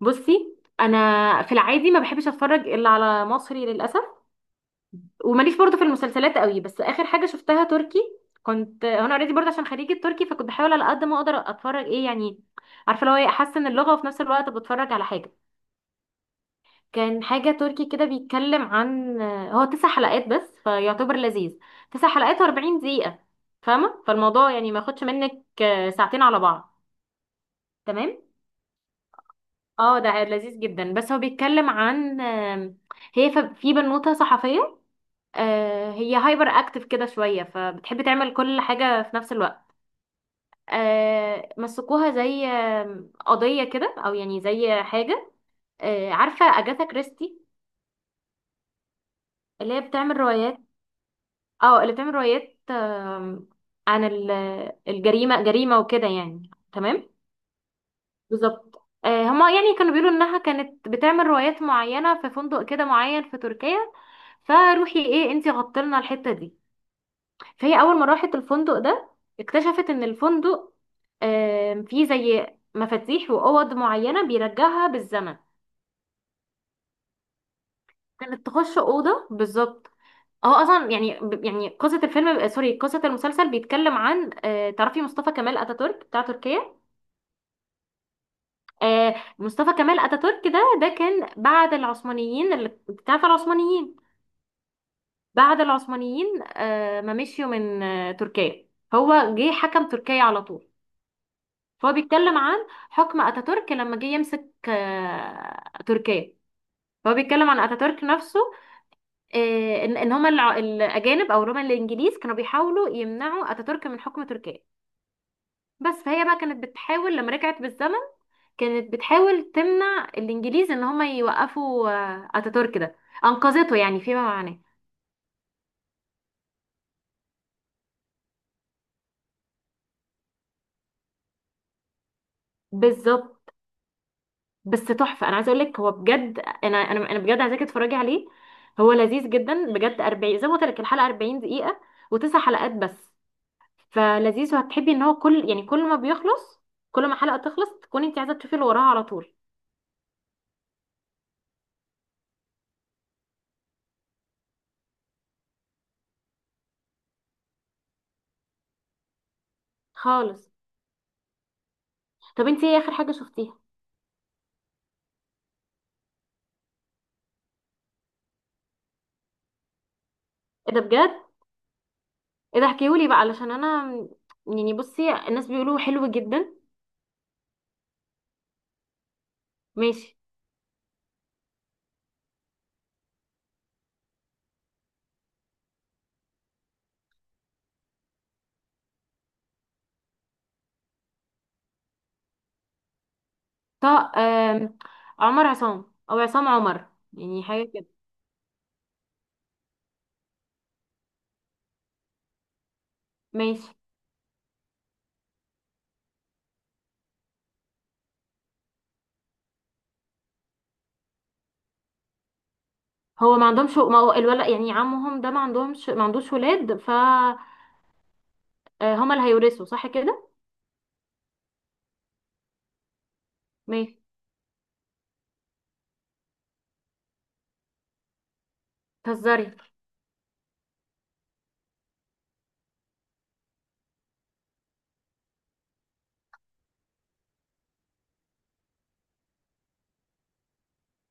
بصي، انا في العادي ما بحبش اتفرج الا على مصري للاسف. وماليش برضو في المسلسلات قوي، بس اخر حاجه شفتها تركي. كنت انا اوريدي برضه عشان خريجه تركي، فكنت بحاول على قد ما اقدر اتفرج ايه يعني. عارفه لو ايه احسن اللغه وفي نفس الوقت بتفرج على حاجه. كان حاجه تركي كده بيتكلم عن. هو 9 حلقات بس فيعتبر لذيذ. 9 حلقات و40 دقيقه. فاهمه، فالموضوع يعني ما ياخدش منك ساعتين على بعض. تمام. اه ده لذيذ جدا، بس هو بيتكلم عن. هي في بنوتة صحفية. هي هايبر اكتف كده شوية، فبتحب تعمل كل حاجة في نفس الوقت. مسكوها زي قضية كده، او يعني زي حاجة. عارفة اجاثا كريستي؟ اللي هي بتعمل روايات. اه، اللي بتعمل روايات عن الجريمة، جريمة وكده يعني. تمام. بالظبط. هما يعني كانوا بيقولوا انها كانت بتعمل روايات معينه في فندق كده معين في تركيا. فروحي ايه انتي غطلنا الحته دي. فهي اول ما راحت الفندق ده اكتشفت ان الفندق فيه زي مفاتيح واوض معينه بيرجعها بالزمن. كانت تخش اوضه بالظبط. هو اصلا يعني يعني قصه الفيلم سوري، قصه المسلسل بيتكلم عن. تعرفي مصطفى كمال اتاتورك بتاع تركيا؟ مصطفى كمال اتاتورك ده كان بعد العثمانيين، اللي انت عارفه العثمانيين. بعد العثمانيين ما مشيوا من تركيا. هو جه حكم تركيا على طول. فهو بيتكلم عن حكم اتاتورك لما جه يمسك تركيا. فهو بيتكلم عن اتاتورك نفسه. ان هما الاجانب او اللي هما الانجليز كانوا بيحاولوا يمنعوا اتاتورك من حكم تركيا بس. فهي بقى كانت بتحاول لما رجعت بالزمن، كانت بتحاول تمنع الانجليز ان هما يوقفوا اتاتورك ده. انقذته يعني فيما معناه. بالظبط. بس تحفه، انا عايزه اقول لك هو بجد، انا بجد عايزاكي تتفرجي عليه. هو لذيذ جدا بجد، 40 زي ما قلت لك الحلقه 40 دقيقه وتسع حلقات بس. فلذيذ، وهتحبي ان هو كل يعني كل ما بيخلص، كل ما حلقه تخلص تكوني انت عايزه تشوفي اللي وراها على طول. خالص. طب انت ايه اخر حاجه شفتيها؟ ايه ده بجد؟ ايه ده احكيهولي بقى علشان انا، يعني بصي الناس بيقولوا حلو جدا. ماشي. طه عمر عصام او عصام عمر يعني حاجه كده. ماشي. هو ما عندهمش، ما هو الولد يعني عمهم ده ما عندهمش ما عندوش ولاد، ف هما اللي هيورثوا صح كده؟ ماشي. تهزري.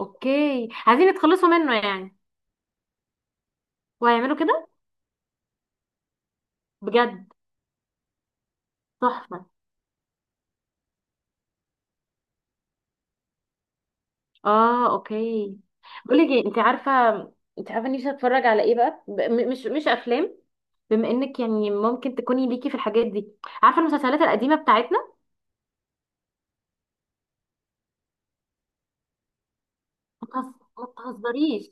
اوكي، عايزين يتخلصوا منه يعني. وهيعملوا كده. بجد. تحفه. اه اوكي. بقولك ايه، انت عارفه؟ انت عارفه نفسي اتفرج على ايه بقى؟ مش افلام. بما انك يعني ممكن تكوني ليكي في الحاجات دي. عارفه المسلسلات القديمه بتاعتنا؟ ما تهز- ما تهزريش.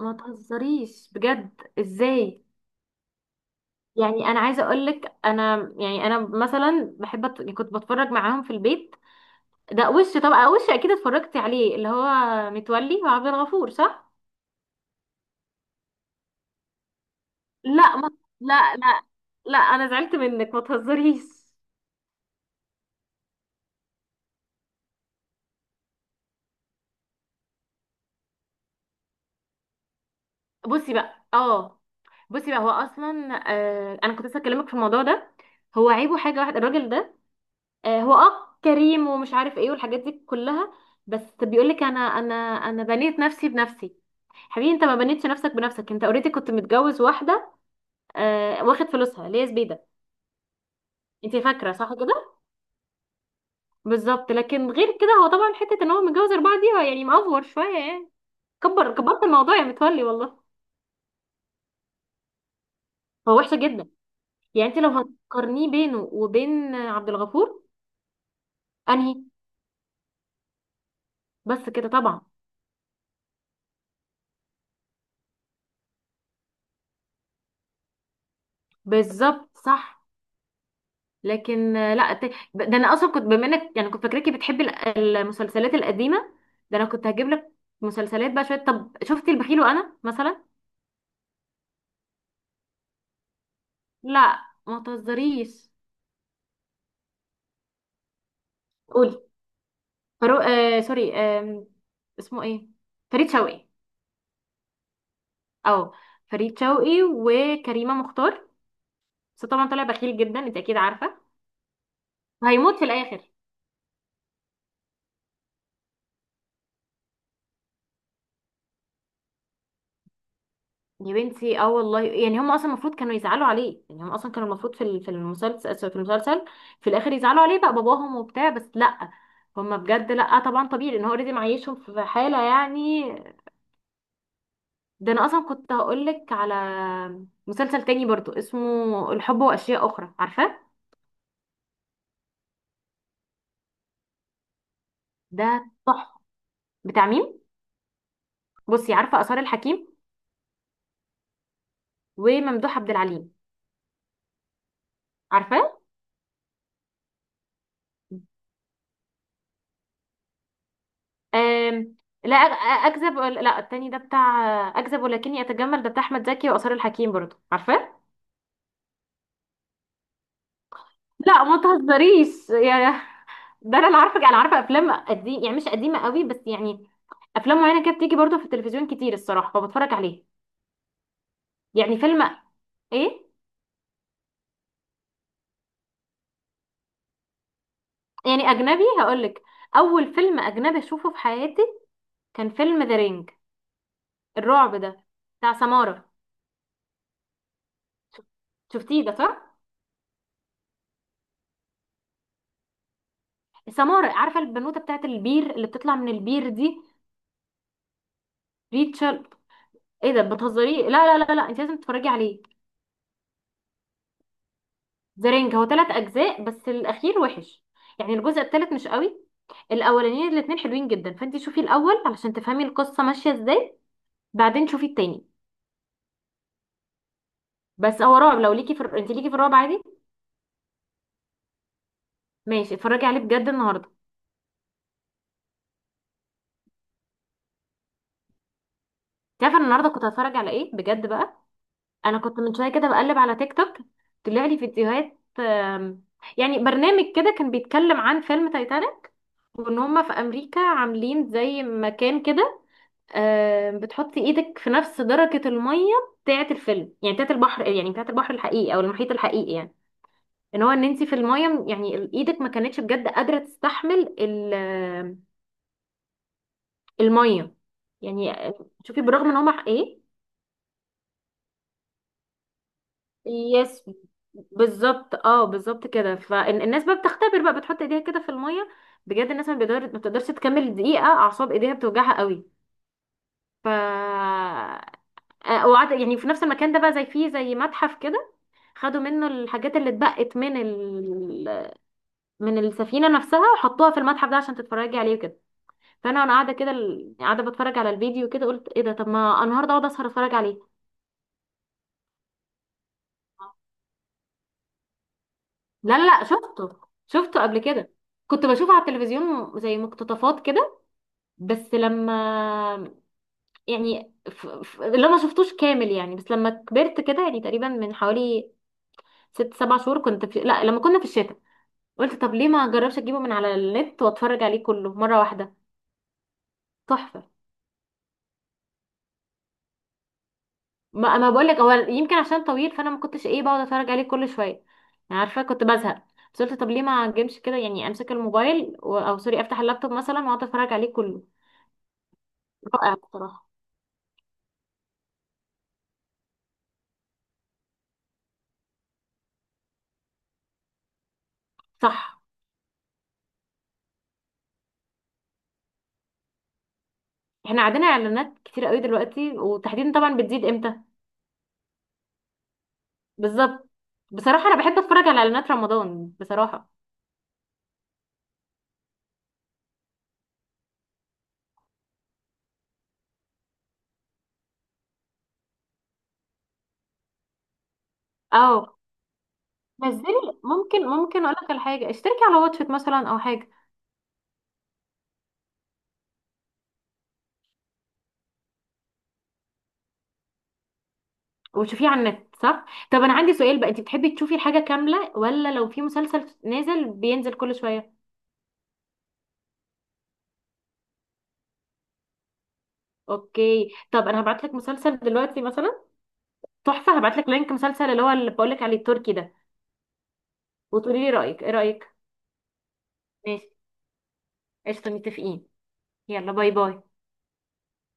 ما تهزريش بجد، ازاي؟ يعني انا عايزه اقول لك، انا يعني انا مثلا بحب يعني كنت بتفرج معاهم في البيت. ده وش طبعا، وش اكيد اتفرجتي عليه اللي هو متولي وعبد الغفور، صح؟ لا ما... لا، لا، لا انا زعلت منك. ما تهزريش. بصي بقى اه. بصي بقى، هو اصلا انا كنت لسه اكلمك في الموضوع ده. هو عيبه حاجه واحده الراجل ده. هو كريم ومش عارف ايه والحاجات دي كلها. بس بيقولك انا بنيت نفسي بنفسي. حبيبي، انت ما بنيتش نفسك بنفسك، انت اوريدي كنت متجوز واحده. واخد فلوسها اللي هي زبيده. انت فاكره صح كده؟ بالظبط. لكن غير كده هو طبعا حته ان هو متجوز اربعه دي، هو يعني مأفور شويه يعني. كبرت الموضوع يا متولي والله. هو وحش جدا. يعني انت لو هتقارنيه بينه وبين عبد الغفور، انهي؟ بس كده طبعا. بالظبط صح. لكن لا ده انا اصلا كنت، بما انك يعني كنت فاكراكي بتحبي المسلسلات القديمه. ده انا كنت هجيب لك مسلسلات بقى شويه. طب شفتي البخيل وانا مثلا؟ لا ما تهزريش. قولي. فرو آه سوري، اسمه ايه؟ فريد شوقي. اه. فريد شوقي وكريمه مختار. بس طبعا طلع بخيل جدا، انت اكيد عارفه. وهيموت في الاخر. يا بنتي اه والله، يعني هم اصلا المفروض كانوا يزعلوا عليه، يعني هم اصلا كانوا المفروض في المسلسل في الاخر يزعلوا عليه بقى باباهم وبتاع، بس لا. هم بجد، لا، طبعا طبيعي لان هو اوريدي معيشهم في حاله يعني. ده انا اصلا كنت هقولك على مسلسل تاني برضو اسمه الحب واشياء اخرى، عارفاه؟ ده تحفه. بتاع مين؟ بصي، عارفه اثار الحكيم وممدوح عبد العليم؟ عارفاه؟ آم، لا اكذب لا، التاني ده بتاع اكذب ولكني اتجمل، ده بتاع احمد زكي وآثار الحكيم برضه، عارفاه؟ لا ما تهزريش يا. ده انا اللي عارفه، انا عارفه افلام قديم يعني مش قديمه قوي، بس يعني افلام معينه كده بتيجي برضه في التلفزيون كتير الصراحه، فبتفرج عليه. يعني فيلم. ايه. يعني اجنبي هقولك. اول فيلم اجنبي اشوفه في حياتي كان فيلم ذا رينج، الرعب ده، بتاع سمارة. شفتيه ده صح؟ سمارة، عارفه البنوته بتاعت البير اللي بتطلع من البير دي؟ ريتشل. ايه ده، بتهزري؟ لا، لا، لا، لا، انت لازم تتفرجي عليه. ذا رينج هو 3 اجزاء بس الاخير وحش، يعني الجزء الثالث مش قوي. الاولانيين الاثنين حلوين جدا، فانت شوفي الاول علشان تفهمي القصه ماشيه ازاي. بعدين شوفي التاني. بس هو رعب، لو ليكي انت ليكي في الرعب عادي. ماشي، اتفرجي عليه بجد النهارده. انت عارفه أنا النهارده كنت هتفرج على ايه بجد بقى؟ انا كنت من شويه كده بقلب على تيك توك. طلع لي فيديوهات يعني برنامج كده كان بيتكلم عن فيلم تايتانيك، وان هما في امريكا عاملين زي مكان كده. بتحطي ايدك في نفس درجة المية بتاعة الفيلم، يعني بتاعة البحر، يعني بتاعة البحر الحقيقي او المحيط الحقيقي يعني. ان انت في المية، يعني ايدك ما كانتش بجد قادرة تستحمل المية. يعني شوفي بالرغم ان هما ايه. يس. بالظبط، بالظبط كده، فالناس بقى بتختبر بقى بتحط ايديها كده في المية. بجد الناس ما بيقدر ما بتقدرش تكمل دقيقة، اعصاب ايديها بتوجعها قوي. ف آه، وقعد يعني في نفس المكان ده بقى، زي فيه زي متحف كده. خدوا منه الحاجات اللي اتبقت من السفينة نفسها وحطوها في المتحف ده عشان تتفرجي عليه وكده. فانا، وانا قاعدة كده قاعدة بتفرج على الفيديو كده، قلت ايه ده، طب ما النهارده اقعد اسهر اتفرج عليه. لا، لا، لا، شفته. شفته قبل كده. كنت بشوفه على التلفزيون زي مقتطفات كده، بس لما يعني اللي ما شفتوش كامل يعني، بس لما كبرت كده يعني تقريبا من حوالي ست سبع شهور كنت لا، لما كنا في الشتاء قلت طب ليه ما اجربش اجيبه من على النت واتفرج عليه كله مرة واحدة. تحفة. ما انا بقول لك، هو يمكن عشان طويل فانا ما كنتش ايه، بقعد اتفرج عليه كل شويه يعني، عارفه كنت بزهق. بس قلت طب ليه ما اجيبش كده، يعني امسك الموبايل او سوري افتح اللابتوب مثلا واقعد اتفرج عليه كله. رائع بصراحه. صح. احنا عندنا اعلانات كتير قوي دلوقتي، وتحديدا طبعا بتزيد امتى؟ بالظبط. بصراحه انا بحب اتفرج على اعلانات رمضان بصراحه. اه. نزلي. ممكن اقول لك على حاجه، اشتركي على واتشت مثلا او حاجه. وتشوفيه على النت صح؟ طب انا عندي سؤال بقى، انت بتحبي تشوفي الحاجه كامله ولا لو في مسلسل نازل بينزل كل شويه؟ اوكي، طب انا هبعت لك مسلسل دلوقتي مثلا. تحفه، هبعت لك لينك مسلسل اللي بقول لك عليه التركي ده. وتقولي لي رايك، ايه رايك؟ ماشي. قشطه، متفقين؟ يلا باي باي.